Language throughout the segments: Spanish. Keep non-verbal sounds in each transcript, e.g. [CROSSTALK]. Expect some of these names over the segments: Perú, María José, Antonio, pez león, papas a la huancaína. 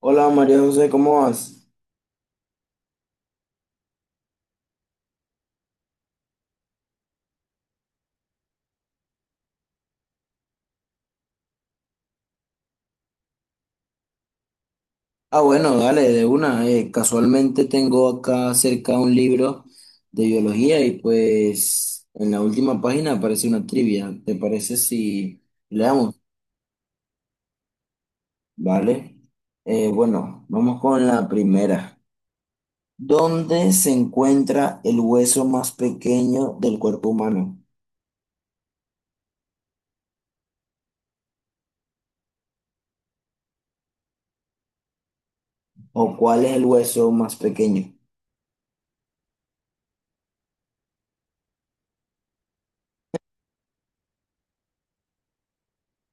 Hola María José, ¿cómo vas? Ah, bueno, dale, de una. Casualmente tengo acá cerca un libro de biología y pues en la última página aparece una trivia. ¿Te parece si leamos? Vale. Bueno, vamos con la primera. ¿Dónde se encuentra el hueso más pequeño del cuerpo humano? ¿O cuál es el hueso más pequeño?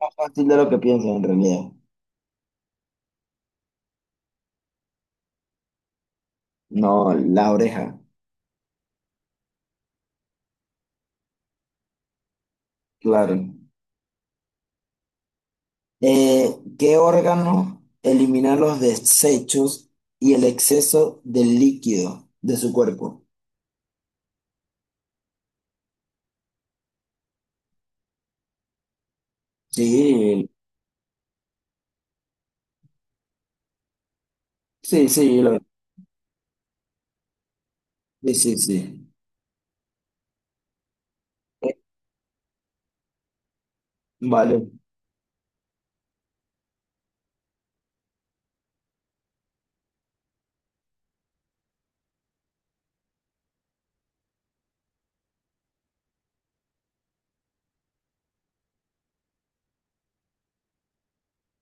Más fácil de lo que piensas en realidad. No, la oreja, claro. ¿Qué órgano elimina los desechos y el exceso del líquido de su cuerpo? Sí, sí, sí, sí, sí, sí. Eh, vale.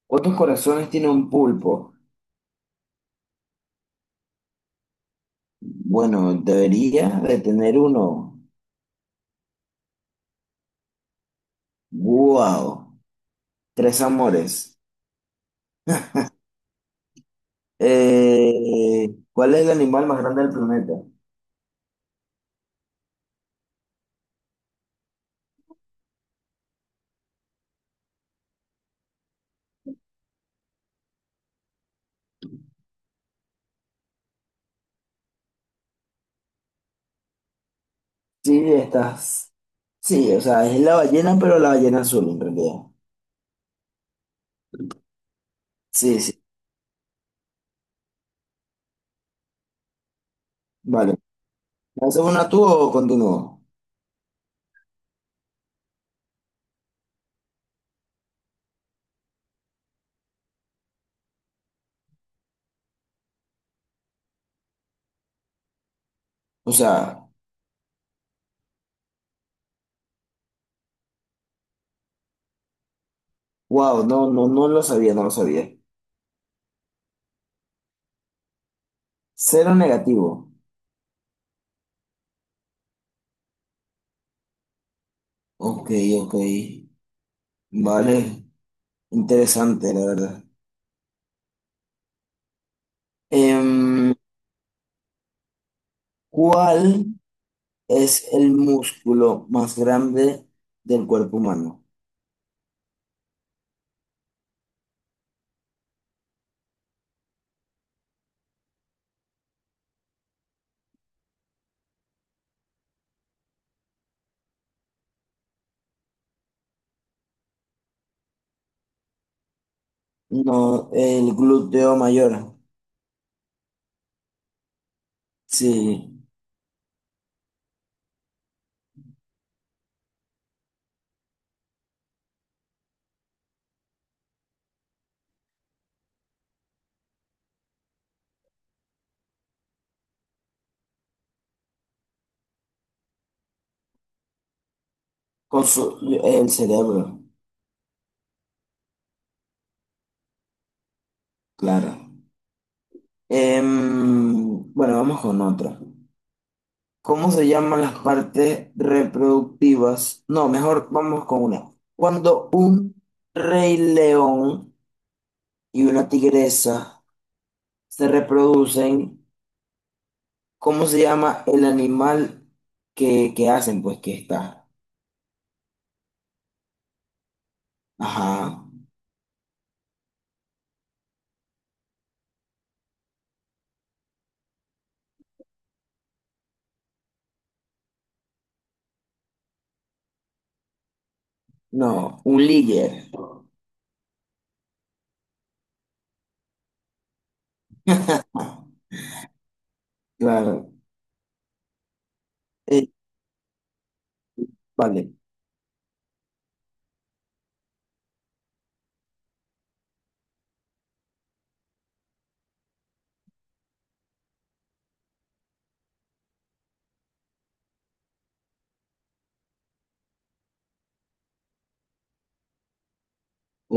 ¿Cuántos corazones tiene un pulpo? Bueno, debería de tener uno. ¡Wow! Tres amores. ¿Cuál es el animal más grande del planeta? Sí, estás. Sí, o sea, es la ballena, pero la ballena azul en realidad. Sí, sí. Vale. ¿Lanzas una tú o continúo? O sea, wow, no, no, no lo sabía, no lo sabía. Cero negativo. Ok, ok. Vale, interesante, la verdad. Em, ¿cuál es el músculo más grande del cuerpo humano? No, el glúteo mayor. Sí, con su- el cerebro, claro. Em, bueno, vamos con otra. ¿Cómo se llaman las partes reproductivas? No, mejor vamos con una. Cuando un rey león y una tigresa se reproducen, ¿cómo se llama el animal que hacen? Pues que está. Ajá. No, un líder. Claro. Eh, vale,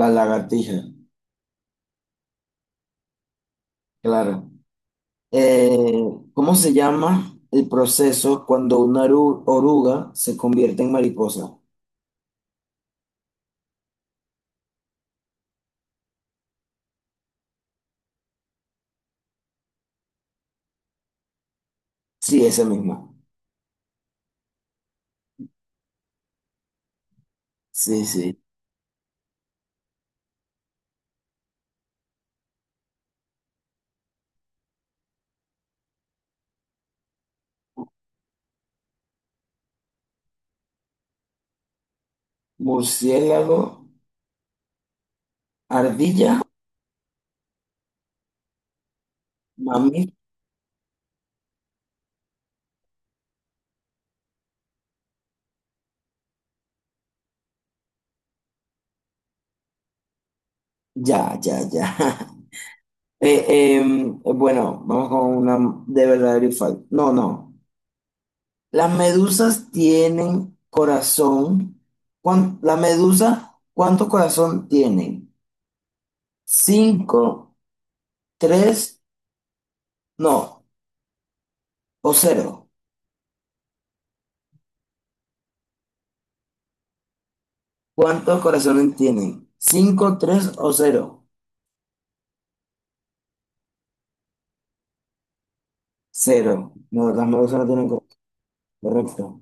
la lagartija. Claro. Eh, ¿Cómo se llama el proceso cuando una oruga se convierte en mariposa? Sí, ese mismo. Sí, sí. Murciélago, ardilla, mamí. Ya, ya, ya. [LAUGHS] Bueno, vamos con una de verdadero y falso. No, no. Las medusas tienen corazón. La medusa, ¿cuánto corazón tienen? ¿Cinco, tres, no, o cero? ¿Cuántos corazones tienen? ¿Cinco, tres o cero? Cero. No, las medusas no tienen corazón. Correcto.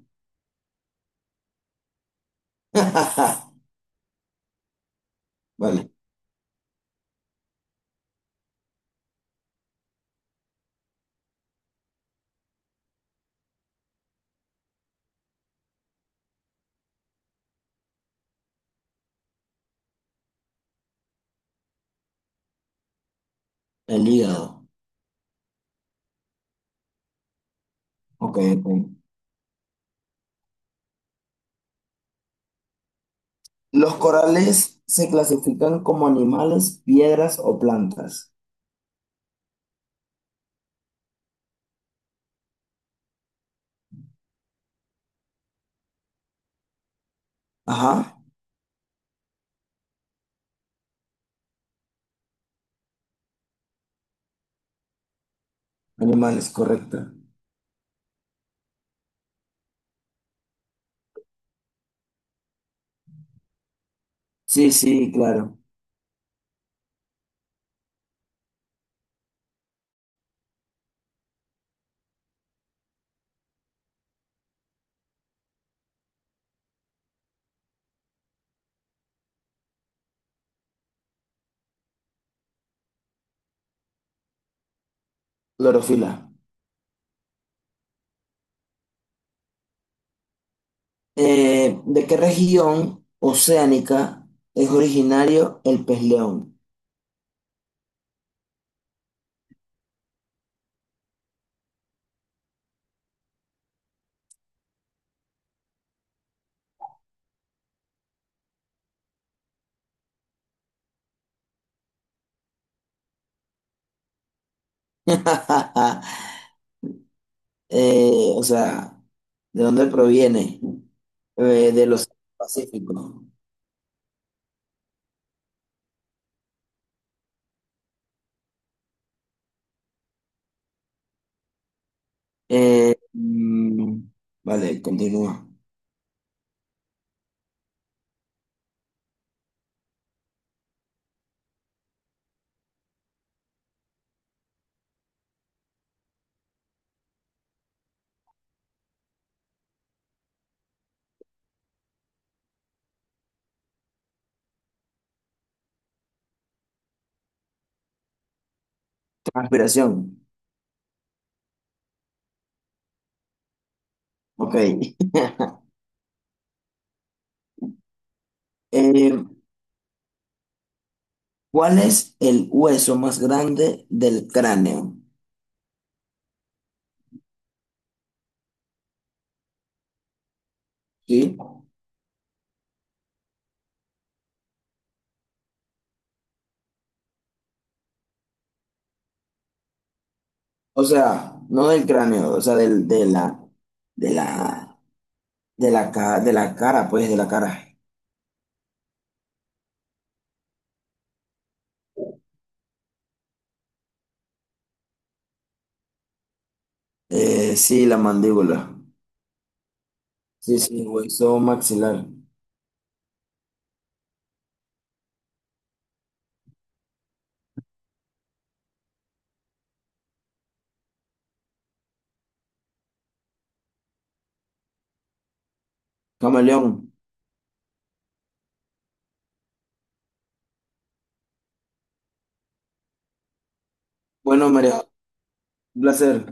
[LAUGHS] Vale, el hígado. Ok, ok. Los corales se clasifican como animales, piedras o plantas. Ajá, animales, correcto. Sí, sí, claro. Clorofila. ¿De qué región oceánica es originario el pez león? [LAUGHS] O sea, ¿de dónde proviene? Del Océano Pacífico. Eh, mm, vale, continúa. Transpiración. Ok. [LAUGHS] Eh, ¿cuál es el hueso más grande del cráneo? ¿Sí? O sea, no del cráneo, o sea, del, de la, de la, de la, ca- de la cara, pues, de la cara. Sí, la mandíbula. Sí, sí, hueso maxilar. Camaleón. Bueno, María, un placer.